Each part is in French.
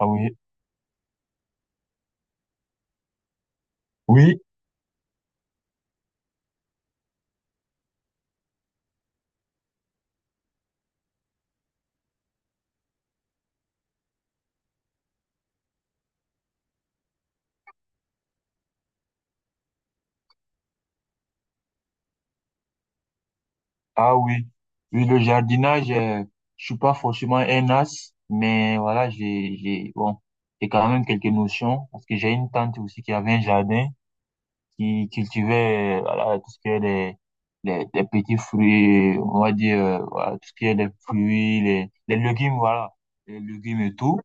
Ah oui, oui, ah oui. Oui, le jardinage, je suis pas forcément un as, mais voilà, bon, j'ai quand même quelques notions parce que j'ai une tante aussi qui avait un jardin qui cultivait, voilà, tout ce qui est des petits fruits, on va dire, voilà, tout ce qui est des fruits, les légumes, voilà, les légumes et tout.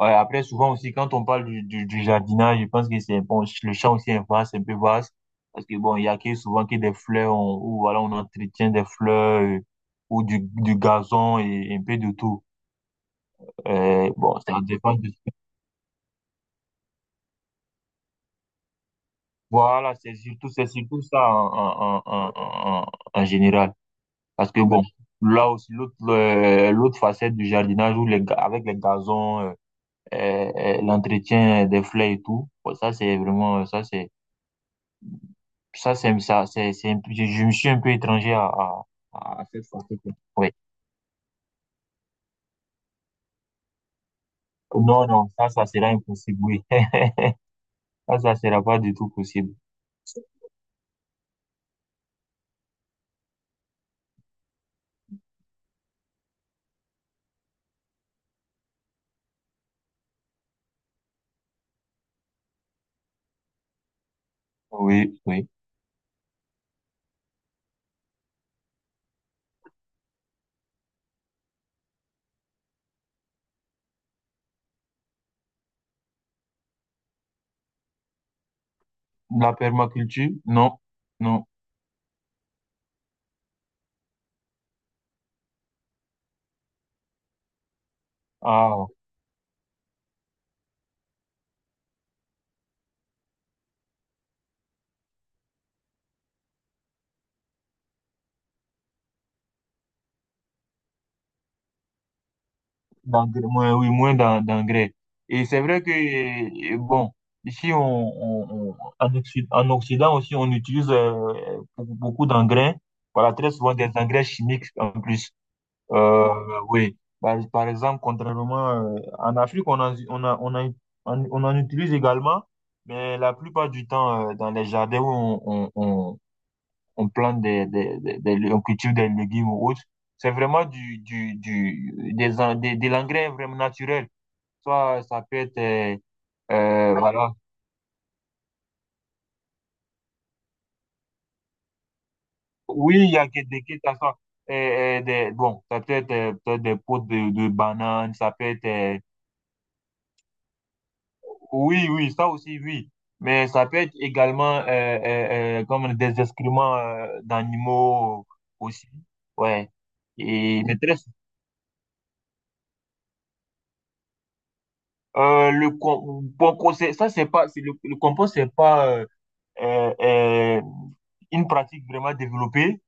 Ouais, après, souvent aussi, quand on parle du jardinage, je pense que c'est, bon, le champ aussi est vaste, un peu vaste, parce que bon, il y a que, souvent que des fleurs, on, ou voilà, on entretient des fleurs, ou du gazon et un peu de tout. Bon, ça dépend de... Voilà, c'est surtout ça en, en général. Parce que bon, là aussi, l'autre facette du jardinage où avec les gazons, l'entretien des fleurs et tout, bon, ça c'est vraiment, ça c'est, je me suis un peu étranger à cette facette-là. Oui. Non, non, ça sera impossible, oui. Ça sera pas du tout possible. Oui, oui. La permaculture, non, non. Ah. D'engrais, oui, moins d'engrais. Et c'est vrai que, bon, ici, en Occident aussi, on utilise beaucoup beaucoup d'engrais, voilà, très souvent des engrais chimiques en plus. Euh, oui, par exemple, contrairement, en Afrique, on en, on a- on a- on on en utilise également, mais la plupart du temps, dans les jardins où on, on- on plante on cultive des légumes ou autres. C'est vraiment du, des, en- des- de l'engrais vraiment naturel. Soit ça peut être, voilà. Oui, il y a que que ça soit, bon, ça peut être, peut-être des pots de bananes, ça peut être, oui, oui, ça aussi, oui. Mais ça peut être également, comme des excréments, d'animaux aussi. Ouais. Et, mais très... Bon conseil, ça c'est pas, c'est le compost c'est pas euh, euh, une pratique vraiment développée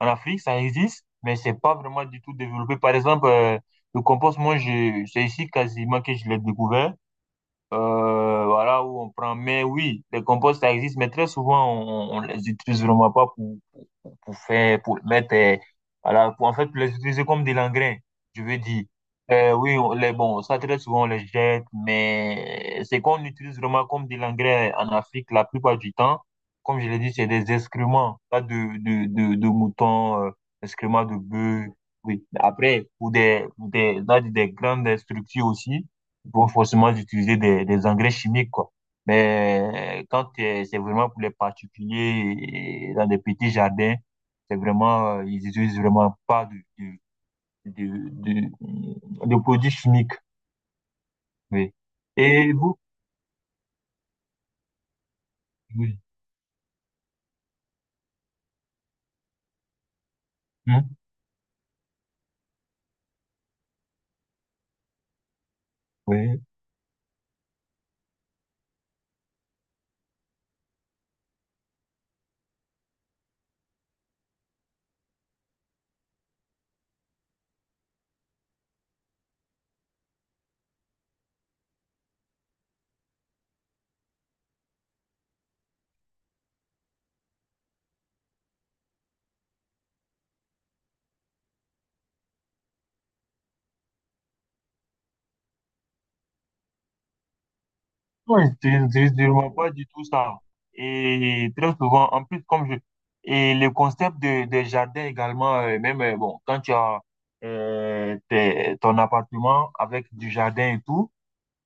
en Afrique, ça existe, mais c'est pas vraiment du tout développé. Par exemple, le compost, moi, c'est ici quasiment que je l'ai découvert. Voilà où on prend. Mais oui, les composts ça existe, mais très souvent on les utilise vraiment pas pour faire, pour mettre, voilà, pour en fait les utiliser comme des engrais, je veux dire. Oui, on les, bon, ça très souvent on les jette, mais c'est qu'on utilise vraiment comme des engrais en Afrique la plupart du temps. Comme je l'ai dit, c'est des excréments, pas de moutons, excréments de bœufs. Oui. Après, dans des grandes structures aussi, ils vont forcément utiliser des engrais chimiques, quoi. Mais quand c'est vraiment pour les particuliers, et dans des petits jardins, c'est vraiment, ils utilisent vraiment pas de produits chimiques. Oui. Et vous? Oui. Hmm? Oui. Non, ils utilisent vraiment pas du tout ça. Et très souvent, en plus, comme je... Et le concept de, des jardins également, même, bon, quand tu as ton appartement avec du jardin et tout,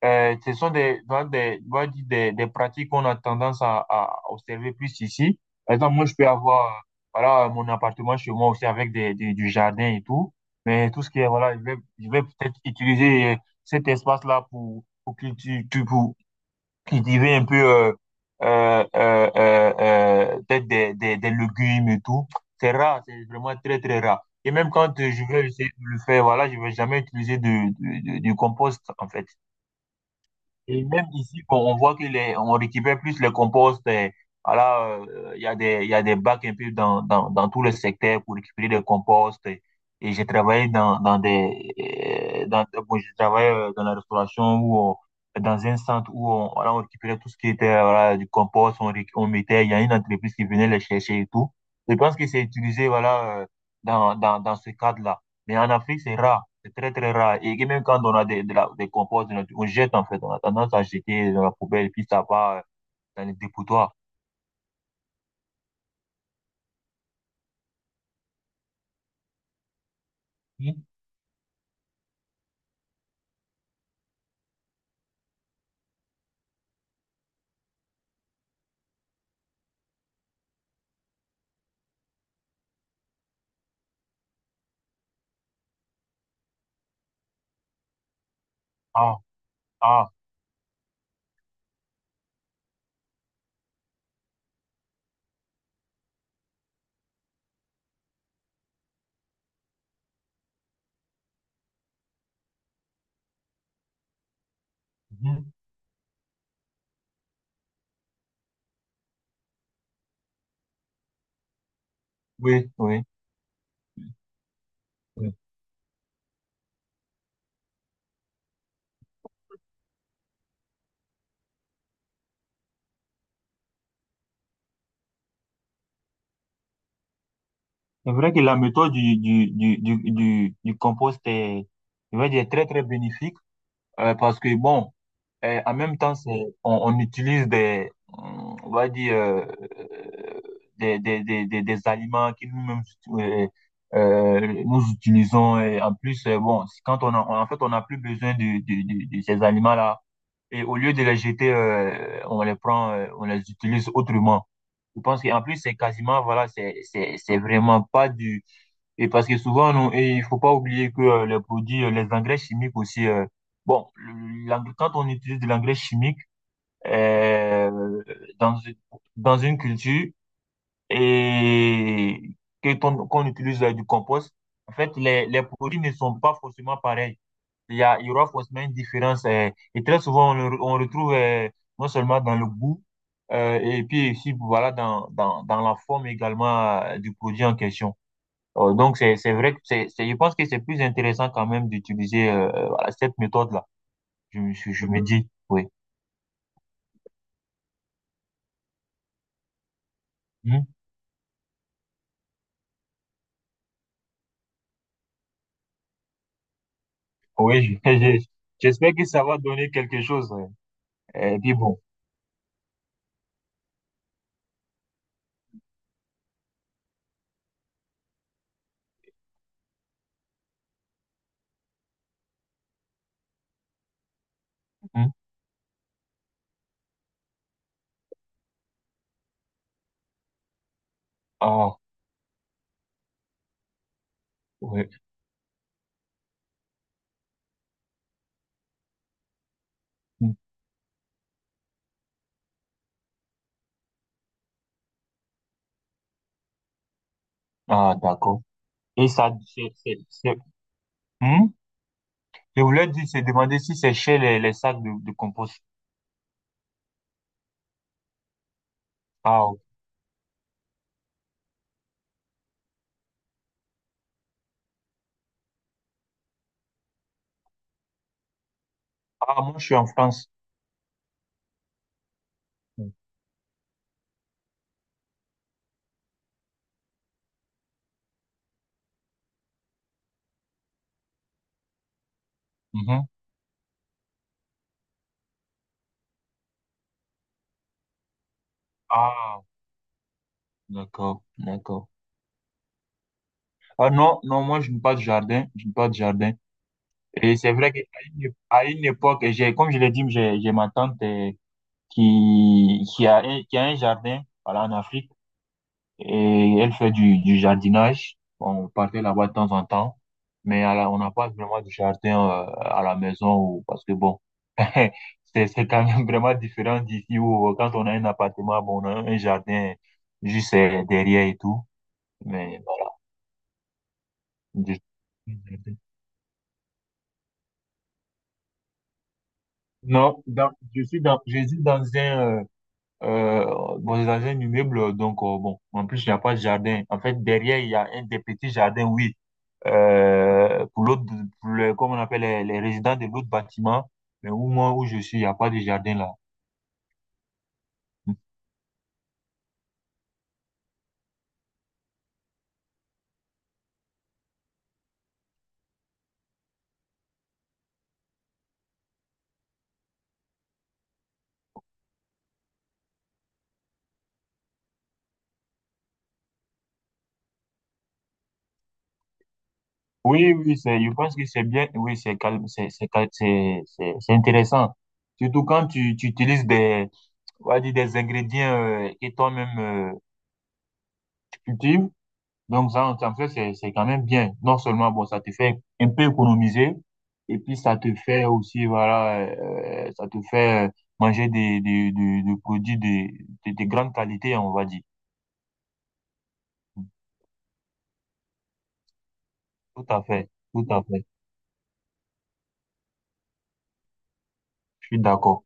Ce sont on va dire des pratiques qu'on a tendance à observer plus ici. Par exemple, moi, je peux avoir, voilà, mon appartement chez moi aussi avec du jardin et tout. Mais tout ce qui est, voilà, je vais peut-être utiliser cet espace-là pour, cultiver un peu, peut-être des légumes et tout. C'est rare, c'est vraiment très, très rare. Et même quand je vais essayer de le faire, voilà, je vais jamais utiliser du compost, en fait. Et même ici, on voit que les, on récupère plus les composts. Voilà il y a des bacs un peu dans tout le secteur pour récupérer des composts. Et j'ai travaillé bon, j'ai travaillé dans la restauration où dans un centre où on, voilà, on récupérait tout ce qui était, voilà, du compost, on, on mettait, il y a une entreprise qui venait les chercher et tout. Je pense que c'est utilisé, voilà, dans ce cadre-là. Mais en Afrique, c'est rare. C'est très, très rare. Et même quand on a des, des composts, on jette en fait. On a tendance à jeter dans la poubelle et puis ça va dans les dépotoirs. Hmm. Ah, ah, mhm. Oui, oui. Oui. C'est vrai que la méthode du compost est, je vais dire, très, très bénéfique parce que, bon... Et en même temps, c'est, on utilise des, on va dire, des aliments que nous-mêmes euh, nous utilisons. Et en plus, bon, c'est quand on a, en fait, on n'a plus besoin de ces aliments-là. Et au lieu de les jeter, on les prend, on les utilise autrement. Je pense qu'en plus, c'est quasiment, voilà, c'est vraiment pas du... Et parce que souvent, nous, et il faut pas oublier que les produits, les engrais chimiques aussi, bon, quand on utilise de l'engrais chimique euh, dans, une- dans une culture et qu'on utilise du compost, en fait, les produits ne sont pas forcément pareils. Il y aura forcément une différence. Et très souvent, on retrouve non seulement dans le goût, et puis aussi, voilà, dans la forme également du produit en question. Donc, c'est vrai que c'est, je pense que c'est plus intéressant quand même d'utiliser voilà, cette méthode-là. Je me dis, oui. Hmm. Oui, je- j'espère que ça va donner quelque chose. Ouais. Et puis bon. Hmm. Ah, ouais. Hmm. Ah, d'accord. Et ça, c'est- Hmm. Je voulais dire, c'est demander si c'est chez les, sacs de compost. Ah, ok. Ah, moi, je suis en France. Hmm. Mhm. Ah, d'accord, d'accord. Ah non, non, moi, je n'ai pas de jardin. Je n'ai pas de jardin. Et c'est vrai qu'à à une époque, comme je l'ai dit, j'ai ma tante qui a un jardin, voilà, en Afrique, et elle fait du jardinage. Bon, on partait là-bas de temps en temps, mais on n'a pas vraiment du jardin à la maison, ou, parce que bon, c'est quand même vraiment différent d'ici où quand on a un appartement, bon, on a un jardin juste derrière et tout. Mais bon, je- non, dans- je suis dans, je suis euh, dans un immeuble. Donc, bon, en plus, il n'y a pas de jardin. En fait, derrière, il y a un des petits jardins, oui. Pour l'autre, pour le, comme on appelle les résidents de l'autre bâtiment, mais au moins où je suis, il n'y a pas de jardin là. Oui, oui, c'est, je pense que c'est bien, oui, c'est calme, c'est, c'est intéressant. Surtout quand tu utilises on va dire des ingrédients que toi-même cultives. Donc, ça, en fait, c'est quand même bien. Non seulement, bon, ça te fait un peu économiser, et puis ça te fait aussi, voilà, ça te fait manger des produits de grande qualité, on va dire. Tout à fait, tout à fait. Je suis d'accord.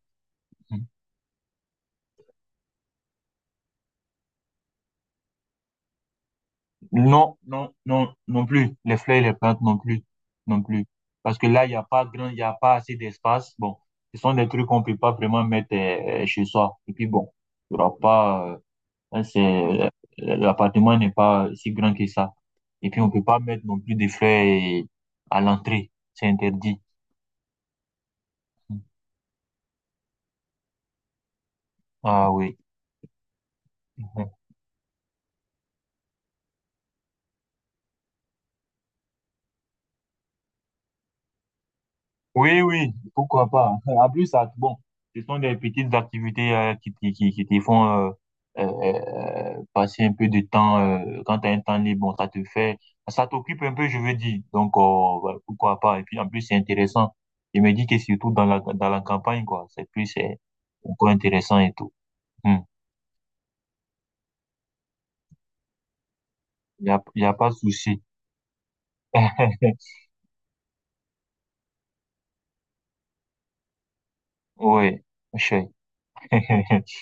Non, non, non, non plus. Les fleurs et les plantes non plus, non plus. Parce que là, il n'y a pas assez d'espace. Bon, ce sont des trucs qu'on peut pas vraiment mettre chez soi. Et puis bon, il n'y aura pas, là, c'est, l'appartement n'est pas si grand que ça. Et puis, on peut pas mettre non plus des fleurs à l'entrée. C'est interdit. Ah oui. Mhm. Oui, oui, pourquoi pas. En plus, ça, bon, ce sont des petites activités qui te font passer un peu de temps. Quand tu as un temps libre, bon, ça te fait, ça t'occupe un peu, je veux dire. Donc, voilà, pourquoi pas. Et puis, en plus, c'est intéressant. Je me dis que surtout dans la campagne, quoi, c'est plus, c'est encore intéressant et tout. Hmm. Y a pas de souci. Oui, je sais.